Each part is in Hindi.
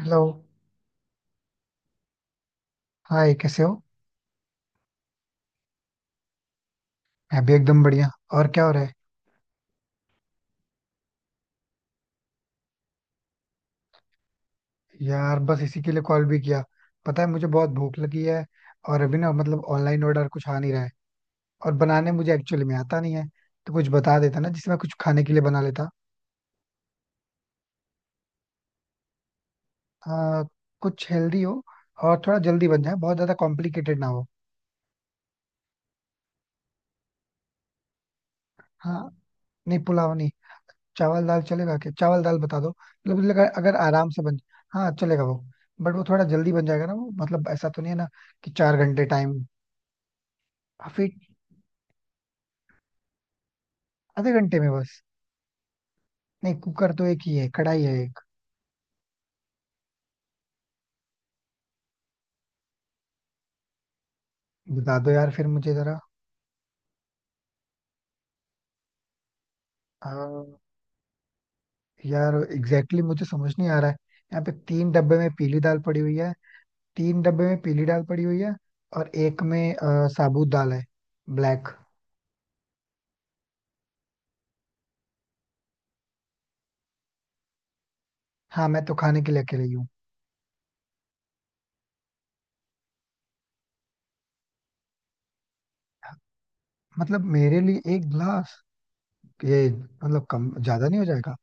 हेलो। हाय कैसे हो। मैं भी एकदम बढ़िया। और क्या हो रहा है। यार बस इसी के लिए कॉल भी किया। पता है मुझे बहुत भूख लगी है। और अभी ना मतलब ऑनलाइन ऑर्डर कुछ आ नहीं रहा है। और बनाने मुझे एक्चुअली में आता नहीं है। तो कुछ बता देता ना जिसमें कुछ खाने के लिए बना लेता। आ, कुछ हेल्दी हो। और थोड़ा जल्दी बन जाए बहुत ज्यादा कॉम्प्लिकेटेड ना हो। हाँ। नहीं पुलाव नहीं। चावल दाल चलेगा क्या। चावल दाल बता दो मतलब मुझे लगा अगर आराम से बन। हाँ चलेगा वो। बट वो थोड़ा जल्दी बन जाएगा ना वो मतलब ऐसा तो नहीं है ना कि 4 घंटे टाइम। फिर। आधे घंटे में बस। नहीं कुकर तो एक ही है कढ़ाई है एक। बता दो यार फिर मुझे जरा। आ, यार एग्जैक्टली exactly मुझे समझ नहीं आ रहा है। यहाँ पे तीन डब्बे में पीली दाल पड़ी हुई है। तीन डब्बे में पीली दाल पड़ी हुई है और एक में साबुत दाल है। ब्लैक। हाँ मैं तो खाने के लिए अकेले ही हूँ। मतलब मेरे लिए एक गिलास। ये मतलब कम ज्यादा नहीं हो जाएगा।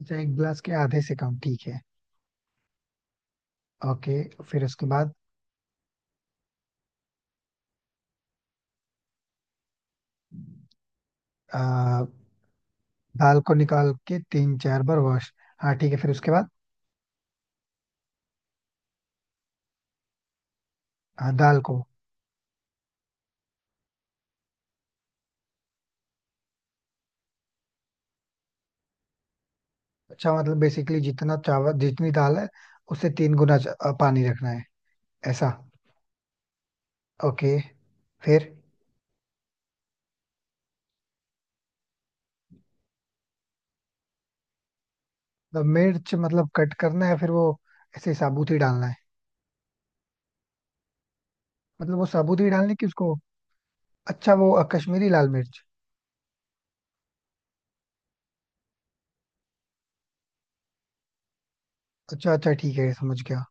अच्छा एक गिलास के आधे से कम ठीक है। ओके। फिर उसके बाद। आ, दाल को निकाल के तीन चार बार वॉश। हाँ ठीक है फिर उसके बाद। हाँ दाल को। अच्छा मतलब बेसिकली जितना चावल जितनी दाल है उससे तीन गुना पानी रखना है ऐसा। ओके फिर। तो मिर्च मतलब कट करना है फिर वो ऐसे साबुत ही डालना है। मतलब वो साबुत ही डालने की उसको। अच्छा वो कश्मीरी लाल मिर्च। अच्छा अच्छा ठीक है समझ गया।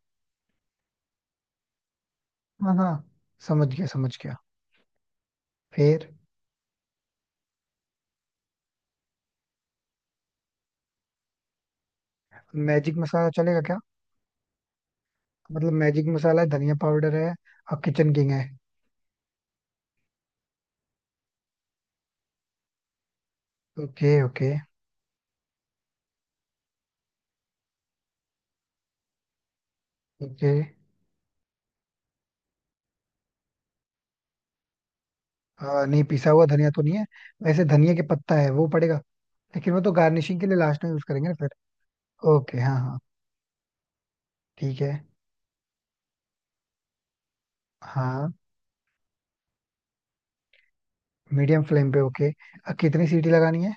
हाँ हाँ समझ गया समझ गया। फिर। मैजिक मसाला चलेगा क्या। मतलब मैजिक मसाला है धनिया पाउडर है और किचन किंग है। Okay okay. ओके। नहीं पिसा हुआ धनिया तो नहीं है। वैसे धनिया के पत्ता है वो पड़ेगा। लेकिन वो तो गार्निशिंग के लिए लास्ट में यूज करेंगे ना फिर। ओके हाँ हाँ। ठीक है। हाँ मीडियम फ्लेम पे ओके। अब कितनी सीटी लगानी है।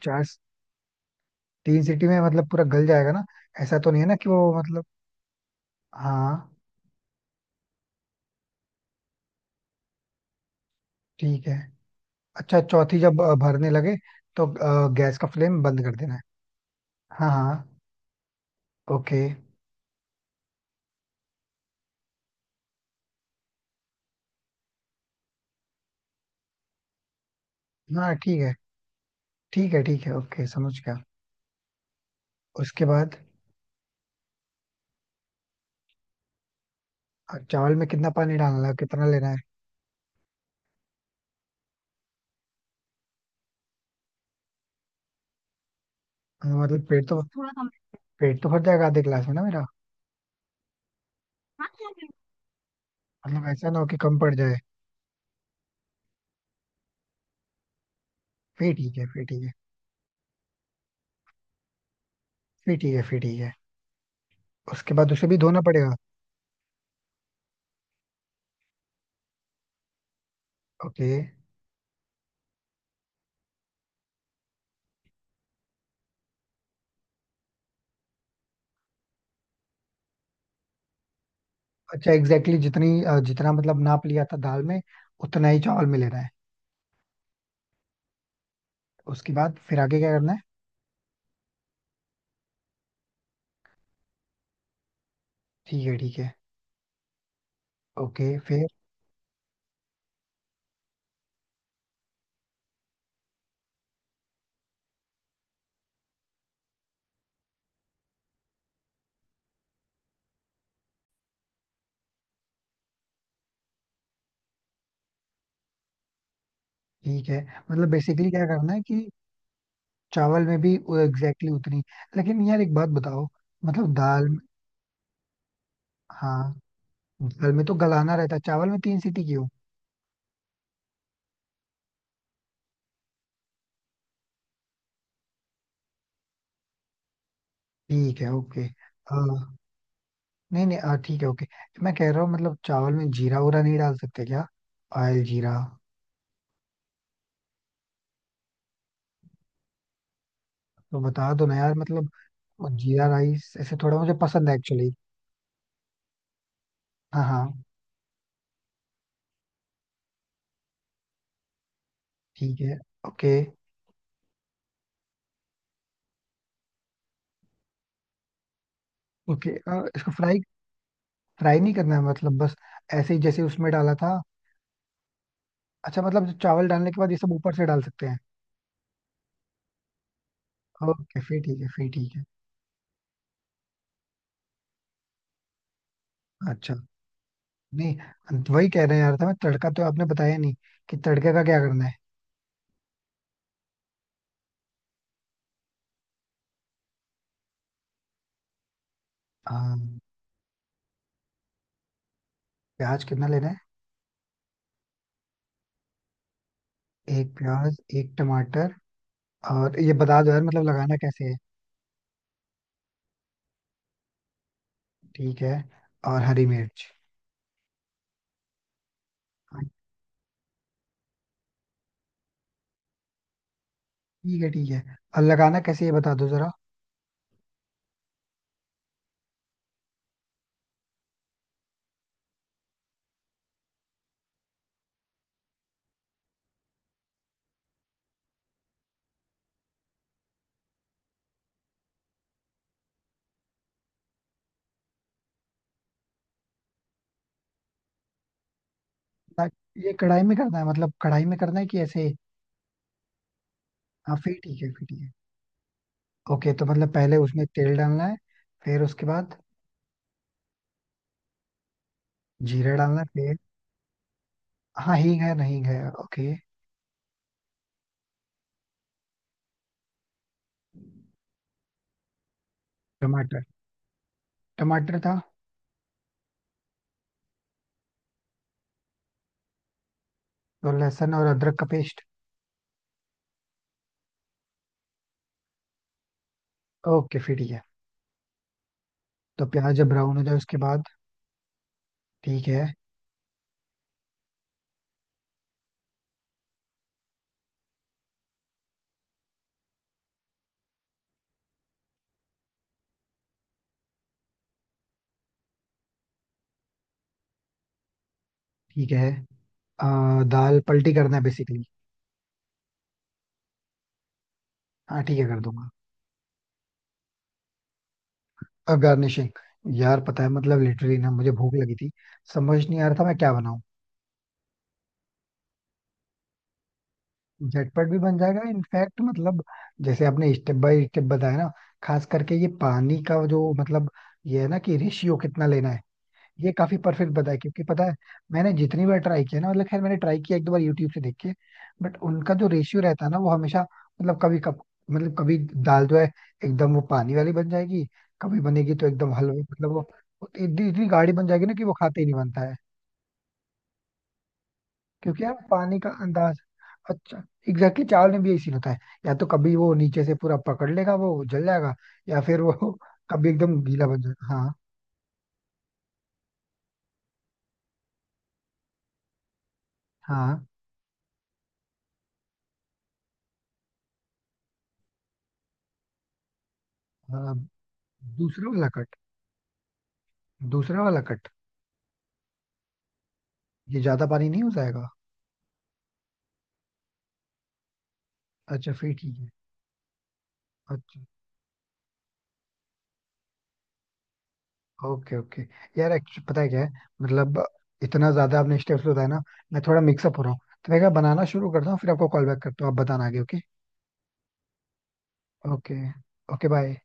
चार। तीन सीटी में मतलब पूरा गल जाएगा ना। ऐसा तो नहीं है ना कि वो मतलब। हाँ। ठीक है। अच्छा चौथी जब भरने लगे तो गैस का फ्लेम बंद कर देना है। हाँ हाँ। ओके। हाँ। ठीक है ठीक है ठीक है ओके समझ गया। उसके बाद। चावल में कितना पानी डालना है कितना लेना है। मतलब पेट तो। पेट तो भर जाएगा आधे गिलास में ना मेरा। मतलब ऐसा ना हो कि कम पड़ जाए। फिर ठीक है फिर ठीक है। फिर ठीक है फिर ठीक है। उसके बाद उसे भी धोना पड़ेगा। ओके। अच्छा एग्जैक्टली जितना मतलब नाप लिया था दाल में उतना ही चावल में लेना है। उसके बाद फिर आगे क्या करना है। ठीक है ठीक है ओके फिर। ठीक है मतलब बेसिकली क्या करना है कि चावल में भी एग्जैक्टली exactly उतनी। लेकिन यार एक बात बताओ मतलब हाँ दाल में तो गलाना रहता है चावल में तीन सीटी क्यों। ठीक है ओके। हाँ। नहीं नहीं ठीक है ओके। मैं कह रहा हूँ मतलब चावल में जीरा उरा नहीं डाल सकते क्या। ऑयल जीरा। तो बता दो ना यार मतलब। वो जीरा राइस ऐसे थोड़ा मुझे पसंद है एक्चुअली। हाँ हाँ ठीक है ओके ओके। इसको फ्राई फ्राई नहीं करना है मतलब बस ऐसे ही जैसे उसमें डाला था। अच्छा मतलब जो चावल डालने के बाद ये सब ऊपर से डाल सकते हैं। ओके फिर ठीक है फिर ठीक है। अच्छा। नहीं वही कह रहे हैं यार था मैं तड़का तो आपने बताया नहीं कि तड़के का क्या करना है। हाँ, प्याज कितना लेना है। एक प्याज एक टमाटर। और ये बता दो यार मतलब लगाना कैसे है। ठीक है। और हरी मिर्च। हाँ, ठीक है ठीक है। और लगाना कैसे है ये बता दो जरा। ता- ये कढ़ाई में करना है मतलब कढ़ाई में करना है कि ऐसे। हाँ फिर ठीक है फिर ठीक है। ओके तो मतलब पहले उसमें तेल डालना है। फिर उसके बाद। जीरा डालना है फिर। हाँ हींग है नहीं है ओके। टमाटर। टमाटर था। तो लहसुन और अदरक का पेस्ट। ओके फिर ठीक है। तो प्याज जब ब्राउन हो जाए उसके बाद। ठीक है। ठीक है अ, दाल पलटी करना है बेसिकली। हाँ ठीक है कर दूंगा। और गार्निशिंग। यार पता है मतलब लिटरली ना मुझे भूख लगी थी। समझ नहीं आ रहा था मैं क्या बनाऊं। झटपट भी बन जाएगा इनफैक्ट मतलब जैसे आपने स्टेप बाय स्टेप बताया ना। खास करके ये पानी का जो मतलब ये है ना कि रेशियो कितना लेना है। ये काफी परफेक्ट बताया क्योंकि पता है। मैंने जितनी बार ट्राई किया ना मतलब खैर मैंने ट्राई किया एक दो बार यूट्यूब से देख के। बट उनका जो रेशियो रहता है ना वो हमेशा मतलब कभी कप मतलब कभी दाल जो है एकदम वो पानी वाली बन जाएगी। कभी बनेगी तो एकदम हलवे मतलब वो इतनी इतनी गाढ़ी बन जाएगी ना कि वो खाते ही नहीं बनता है। क्योंकि यार पानी का अंदाज। अच्छा एग्जैक्टली exactly, चावल में भी यही सीन होता है। या तो कभी वो नीचे से पूरा पकड़ लेगा वो जल जाएगा। या फिर वो कभी एकदम गीला बन जाएगा हाँ। हाँ अ, दूसरा वाला कट दूसरा वाला कट। ये ज्यादा पानी नहीं हो जाएगा। अच्छा फिर ठीक है। अच्छा ओके ओके। यार एक्चुअली पता है क्या है मतलब इतना ज्यादा आपने स्टेप्स बताया ना। मैं थोड़ा मिक्सअप हो रहा हूँ। तो मैं क्या बनाना शुरू करता हूँ फिर आपको कॉल बैक करता हूँ आप बताना आगे ओके। Okay okay bye.